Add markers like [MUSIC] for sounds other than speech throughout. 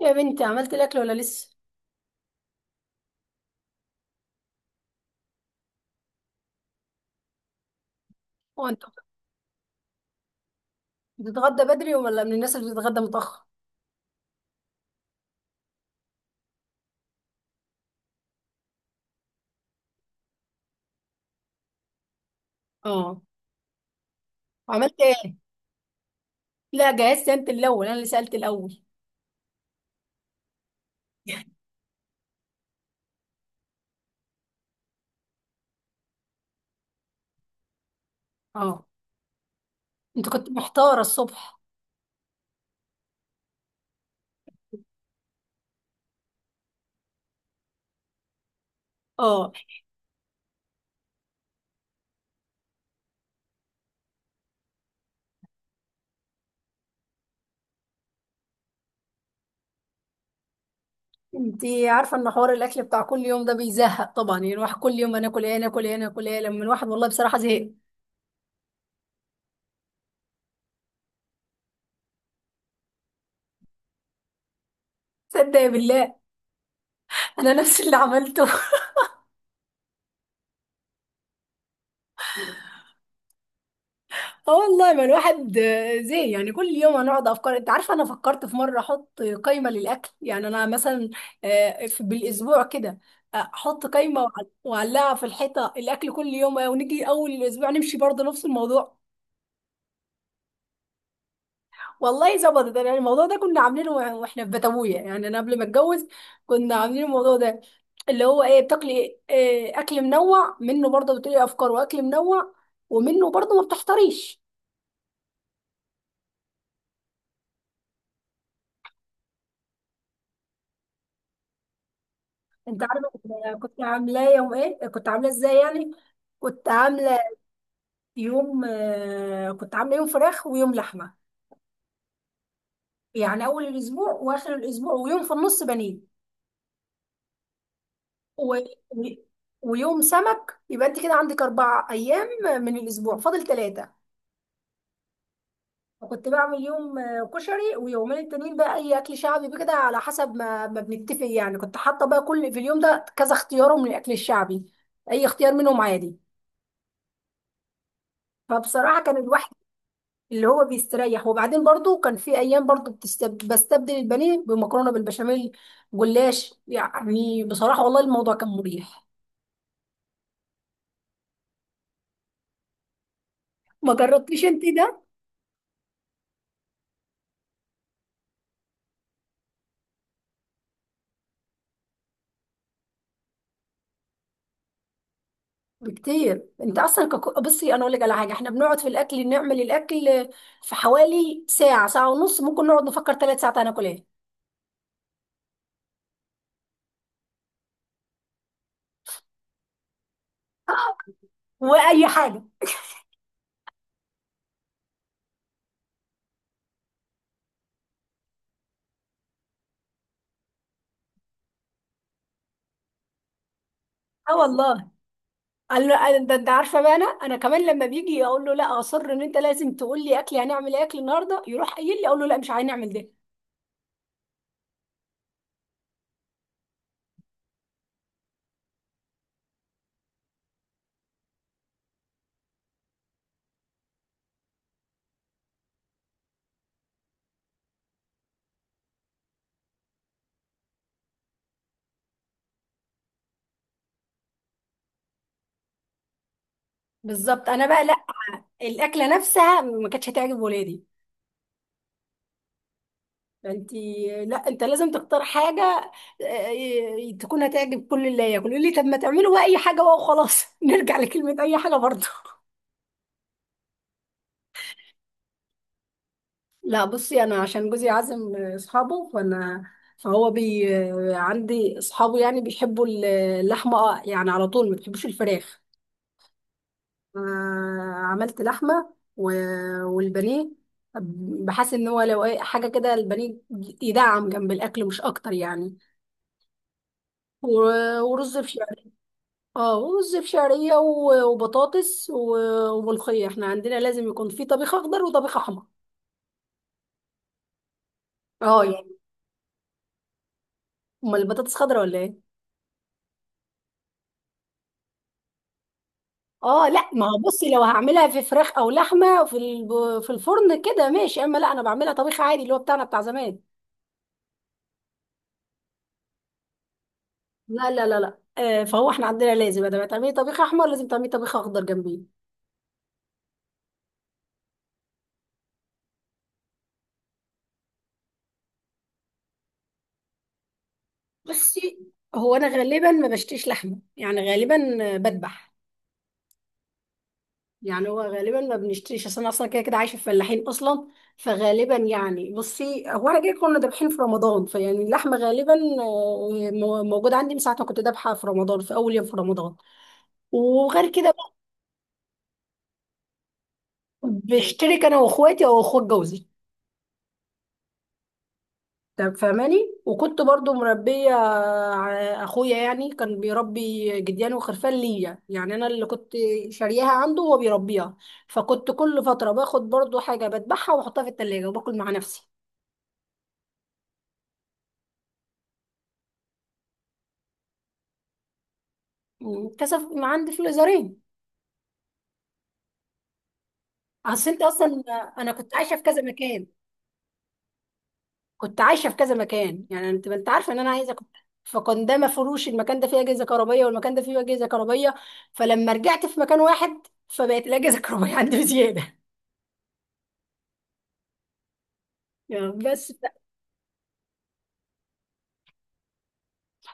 يا بنتي، عملت الاكل ولا لسه؟ هو انت بتتغدى بدري ولا من الناس اللي بتتغدى متاخر؟ اه. عملت ايه؟ لا جهزت، انت الاول، انا اللي سالت الاول. [LAUGHS] اه. انت كنت محتاره الصبح. اه. انت عارفه ان حوار الاكل بتاع كل يوم ده بيزهق طبعا، يعني الواحد كل يوم انا اكل ايه، انا اكل ايه، انا اكل ايه، لما الواحد والله بصراحه زهق. صدق يا بالله، انا نفس اللي عملته. اه والله، ما الواحد زي يعني كل يوم هنقعد افكار. انت عارفه انا فكرت في مره احط قائمه للاكل، يعني انا مثلا بالاسبوع كده احط قائمه واعلقها في الحيطه الاكل كل يوم، ونيجي اول الاسبوع نمشي برضه نفس الموضوع. والله ظبطت، يعني الموضوع ده كنا عاملينه واحنا في بتويه، يعني انا قبل ما اتجوز كنا عاملين الموضوع ده، اللي هو ايه بتاكلي؟ إيه؟ اكل منوع، منه برضه بتقولي افكار واكل منوع، ومنه برضه ما بتحتريش. انت عارفه كنت، كنت عاملاه يوم ايه؟ كنت عاملاه ازاي يعني؟ كنت عامله كنت عامله يوم فراخ، ويوم لحمه، يعني اول الاسبوع واخر الاسبوع، ويوم في النص بانيه، و... و- ويوم سمك. يبقى انت كده عندك 4 ايام، من الاسبوع فاضل 3. وكنت بعمل يوم كشري، ويومين التانيين بقى اي اكل شعبي بكده، على حسب ما بنتفق، يعني كنت حاطه بقى كل في اليوم ده كذا اختيار من الاكل الشعبي، اي اختيار منهم عادي. فبصراحه كان الواحد اللي هو بيستريح، وبعدين برضو كان في ايام برضو بستبدل البانيه بمكرونه بالبشاميل، جلاش، يعني بصراحه والله الموضوع كان مريح. ما جربتيش انت ده؟ بكتير، انت اصلا بصي، انا اقول لك على حاجه: احنا بنقعد في الاكل نعمل الاكل في حوالي ساعه، ساعه ونص، ممكن نقعد نفكر 3 ساعات هناكل ايه. واي حاجه؟ اه والله. قال له ده انت عارفه بقى، انا كمان لما بيجي اقول له لا، اصر ان انت لازم تقول لي اكل هنعمل ايه، اكل النهارده، يروح قايل لي اقول له لا، مش هنعمل ده. بالظبط، انا بقى لا، الاكله نفسها ما كانتش هتعجب ولادي. انت، لا انت لازم تختار حاجه تكون هتعجب كل اللي ياكل، يقول لي طب ما تعملوا بقى اي حاجه بقى وخلاص. [LAUGHS] نرجع لكلمه اي حاجه برضه. لا بصي، انا عشان جوزي عازم اصحابه، فانا، فهو بي عندي اصحابه يعني بيحبوا اللحمه، يعني على طول ما بيحبوش الفراخ. عملت لحمه والبانيه. بحس ان هو لو حاجه كده البانيه يدعم جنب الاكل مش اكتر يعني. ورز بشعرية. اه، ورز بشعرية، وبطاطس، وملوخية، احنا عندنا لازم يكون في طبيخ اخضر وطبيخ احمر. اه يعني. امال البطاطس خضرا ولا ايه؟ اه لا، ما هو بصي، لو هعملها في فراخ او لحمة في في الفرن كده ماشي، اما لا انا بعملها طبيخ عادي اللي هو بتاعنا بتاع زمان. لا لا لا لا، فهو احنا عندنا لازم بدل ما تعملي طبيخ احمر لازم تعملي طبيخ اخضر جنبيه. بصي، هو انا غالبا ما بشتريش لحمة يعني، غالبا بذبح، يعني هو غالبا ما بنشتريش، اصل انا اصلا كده كده عايشه في فلاحين اصلا، فغالبا يعني بصي هو انا كده كنا ذابحين في رمضان، فيعني اللحمه غالبا موجوده عندي من ساعه ما كنت ذابحه في رمضان، في اول يوم في رمضان، وغير كده بقى بشترك انا واخواتي او اخوات جوزي. طب فاهماني. وكنت برضو مربيه اخويا يعني كان بيربي جديان وخرفان ليا، يعني انا اللي كنت شارياها عنده وهو بيربيها، فكنت كل فتره باخد برضو حاجه بذبحها واحطها في التلاجة وباكل مع نفسي. كسب عندي في الازارين. اصل انت اصلا، انا كنت عايشه في كذا مكان، كنت عايشه في كذا مكان، يعني انت ما انت عارفه ان انا عايزه كنت، فكان ده مفروش، المكان ده فيه اجهزه كهربائيه والمكان ده فيه اجهزه كهربائيه، فلما رجعت في مكان واحد فبقت الاجهزه [LAUGHS] الكهربائيه عندي بزياده. [LAUGHS] يعني بس.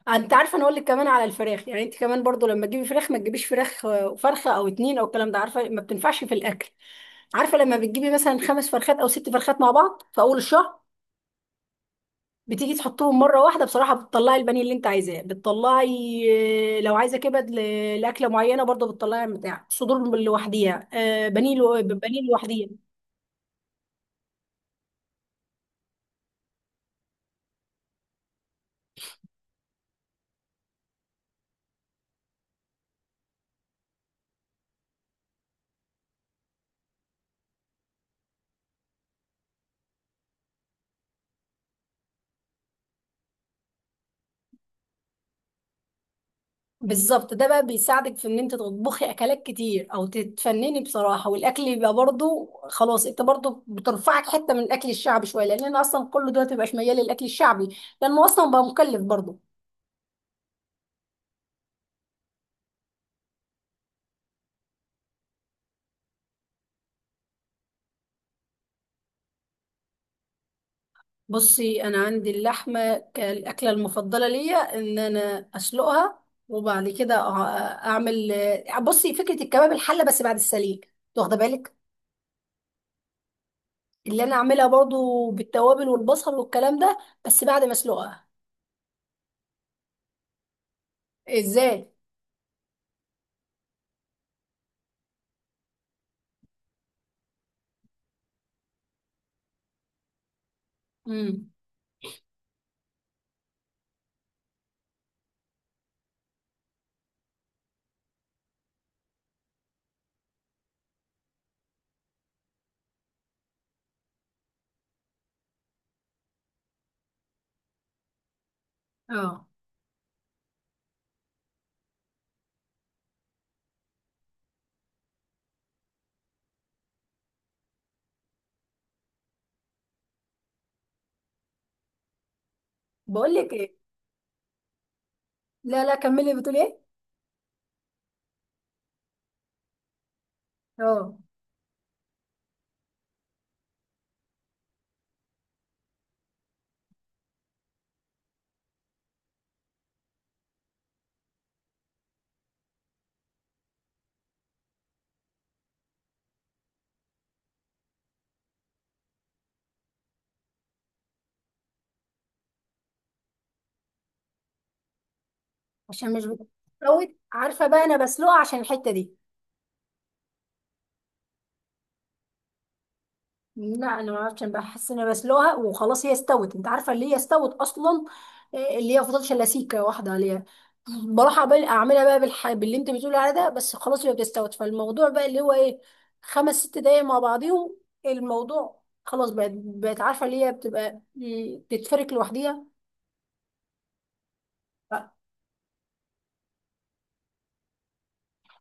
انت عارفه، انا اقول لك كمان على الفراخ، يعني انت كمان برضو لما تجيبي فراخ، ما تجيبيش فراخ فرخه او اتنين او الكلام ده، عارفه ما بتنفعش في الاكل. عارفه لما بتجيبي مثلا 5 فرخات او 6 فرخات مع بعض في اول الشهر، بتيجي تحطهم مره واحده، بصراحه بتطلعي البانيه اللي انت عايزاه، بتطلعي لو عايزه كبد لاكله معينه برضه، بتطلعي بتاع صدور لوحديها، بانيه بانيه لوحديها. بالظبط، ده بقى بيساعدك في ان انت تطبخي اكلات كتير او تتفنني بصراحه، والاكل يبقى برضه خلاص، انت برضه بترفعك حته من الاكل الشعبي شويه، لان انا اصلا كل دلوقتي مبقاش ميال للاكل الشعبي، لانه اصلا بقى مكلف برضه. بصي، انا عندي اللحمه كالاكله المفضله ليا ان انا اسلقها، وبعد كده اعمل، بصي فكره الكباب الحله بس بعد السليق، أنت واخده بالك؟ اللي انا اعملها برضو بالتوابل والبصل والكلام ده بس بعد ما اسلقها. ازاي؟ امم اه. بقول لك ايه؟ لا لا كملي، بتقول ايه؟ اه، عشان مش بتفوت، عارفه بقى انا بسلقها عشان الحته دي. لا انا ما اعرفش، انا بحس ان انا بسلقها وخلاص، هي استوت، انت عارفه اللي هي استوت اصلا، اللي هي فضلت لسيكه واحده عليها. [LAUGHS] بروح اعملها بقى باللي انت بتقولي عليه ده، بس خلاص هي بتستوت، فالموضوع بقى اللي هو ايه؟ خمس ست دقايق مع بعضيهم، الموضوع خلاص، بقت عارفه اللي هي بتبقى، بتتفرك لوحديها. ف-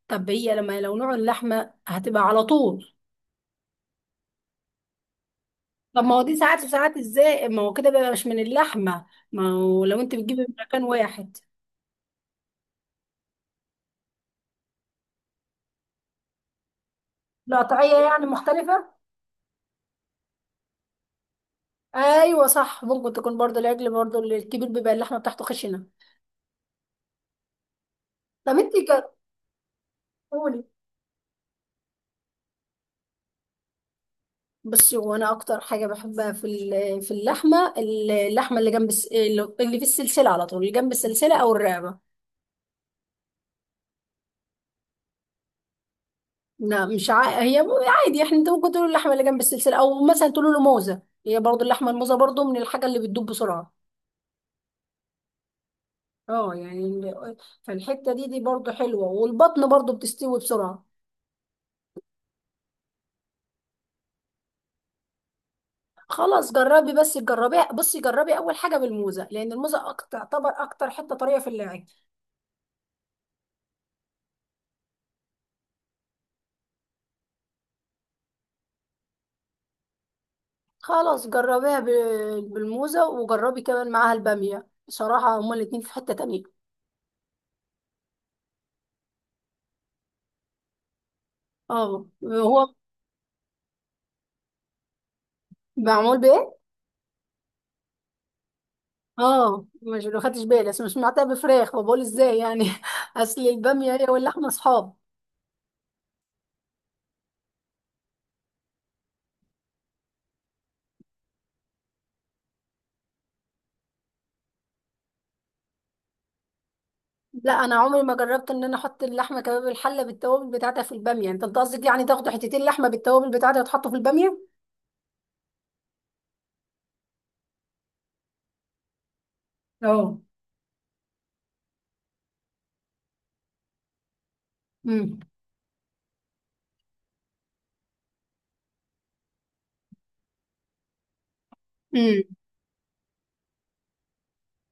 طب هي لما لو نوع اللحمه هتبقى على طول. طب ما هو دي ساعات وساعات ازاي، ما هو كده بقى مش من اللحمه، ما هو لو انت بتجيبي من مكان واحد، القطعيه يعني مختلفه. ايوه صح، ممكن تكون برضه العجل برضه الكبير بيبقى اللحمه بتاعته خشنه. طب انت قولي. بصي، وانا اكتر حاجه بحبها في اللحمه اللي جنب اللي في السلسله على طول، اللي جنب السلسله او الرقبه. لا مش هي عادي احنا، انت ممكن تقولوا اللحمه اللي جنب السلسله، او مثلا تقولوا له موزه، هي برضه اللحمه الموزه برضه من الحاجه اللي بتدوب بسرعه. اه، يعني فالحته دي برضه حلوه، والبطن برضه بتستوي بسرعه. خلاص، جربي، بس جربي اول حاجه بالموزه، لان الموزه أكتر، تعتبر اكتر حته طريه في اللعب. خلاص، جربيها بالموزه، وجربي كمان معاها الباميه، بصراحه هما الاتنين في حته تانية. اه، هو معمول بايه؟ اه، مش ما خدتش بالي، بس مش سمعتها بفراخ، فبقول ازاي يعني. [LAUGHS] اصل الباميه هي واللحمه اصحاب. لا انا عمري ما جربت ان انا احط اللحمه كباب الحله بالتوابل بتاعتها في الباميه، انت قصدك يعني تاخدوا حتتين لحمه بالتوابل بتاعتها وتحطوا في الباميه؟ اه. امم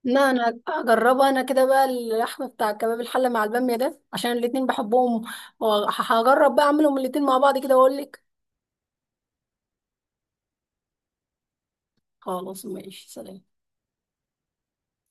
لا انا هجربها، انا كده بقى اللحم بتاع كباب الحله مع الباميه ده عشان الاتنين بحبهم، وهجرب بقى اعملهم الاتنين مع بعض كده واقول لك. خلاص ماشي، سلام.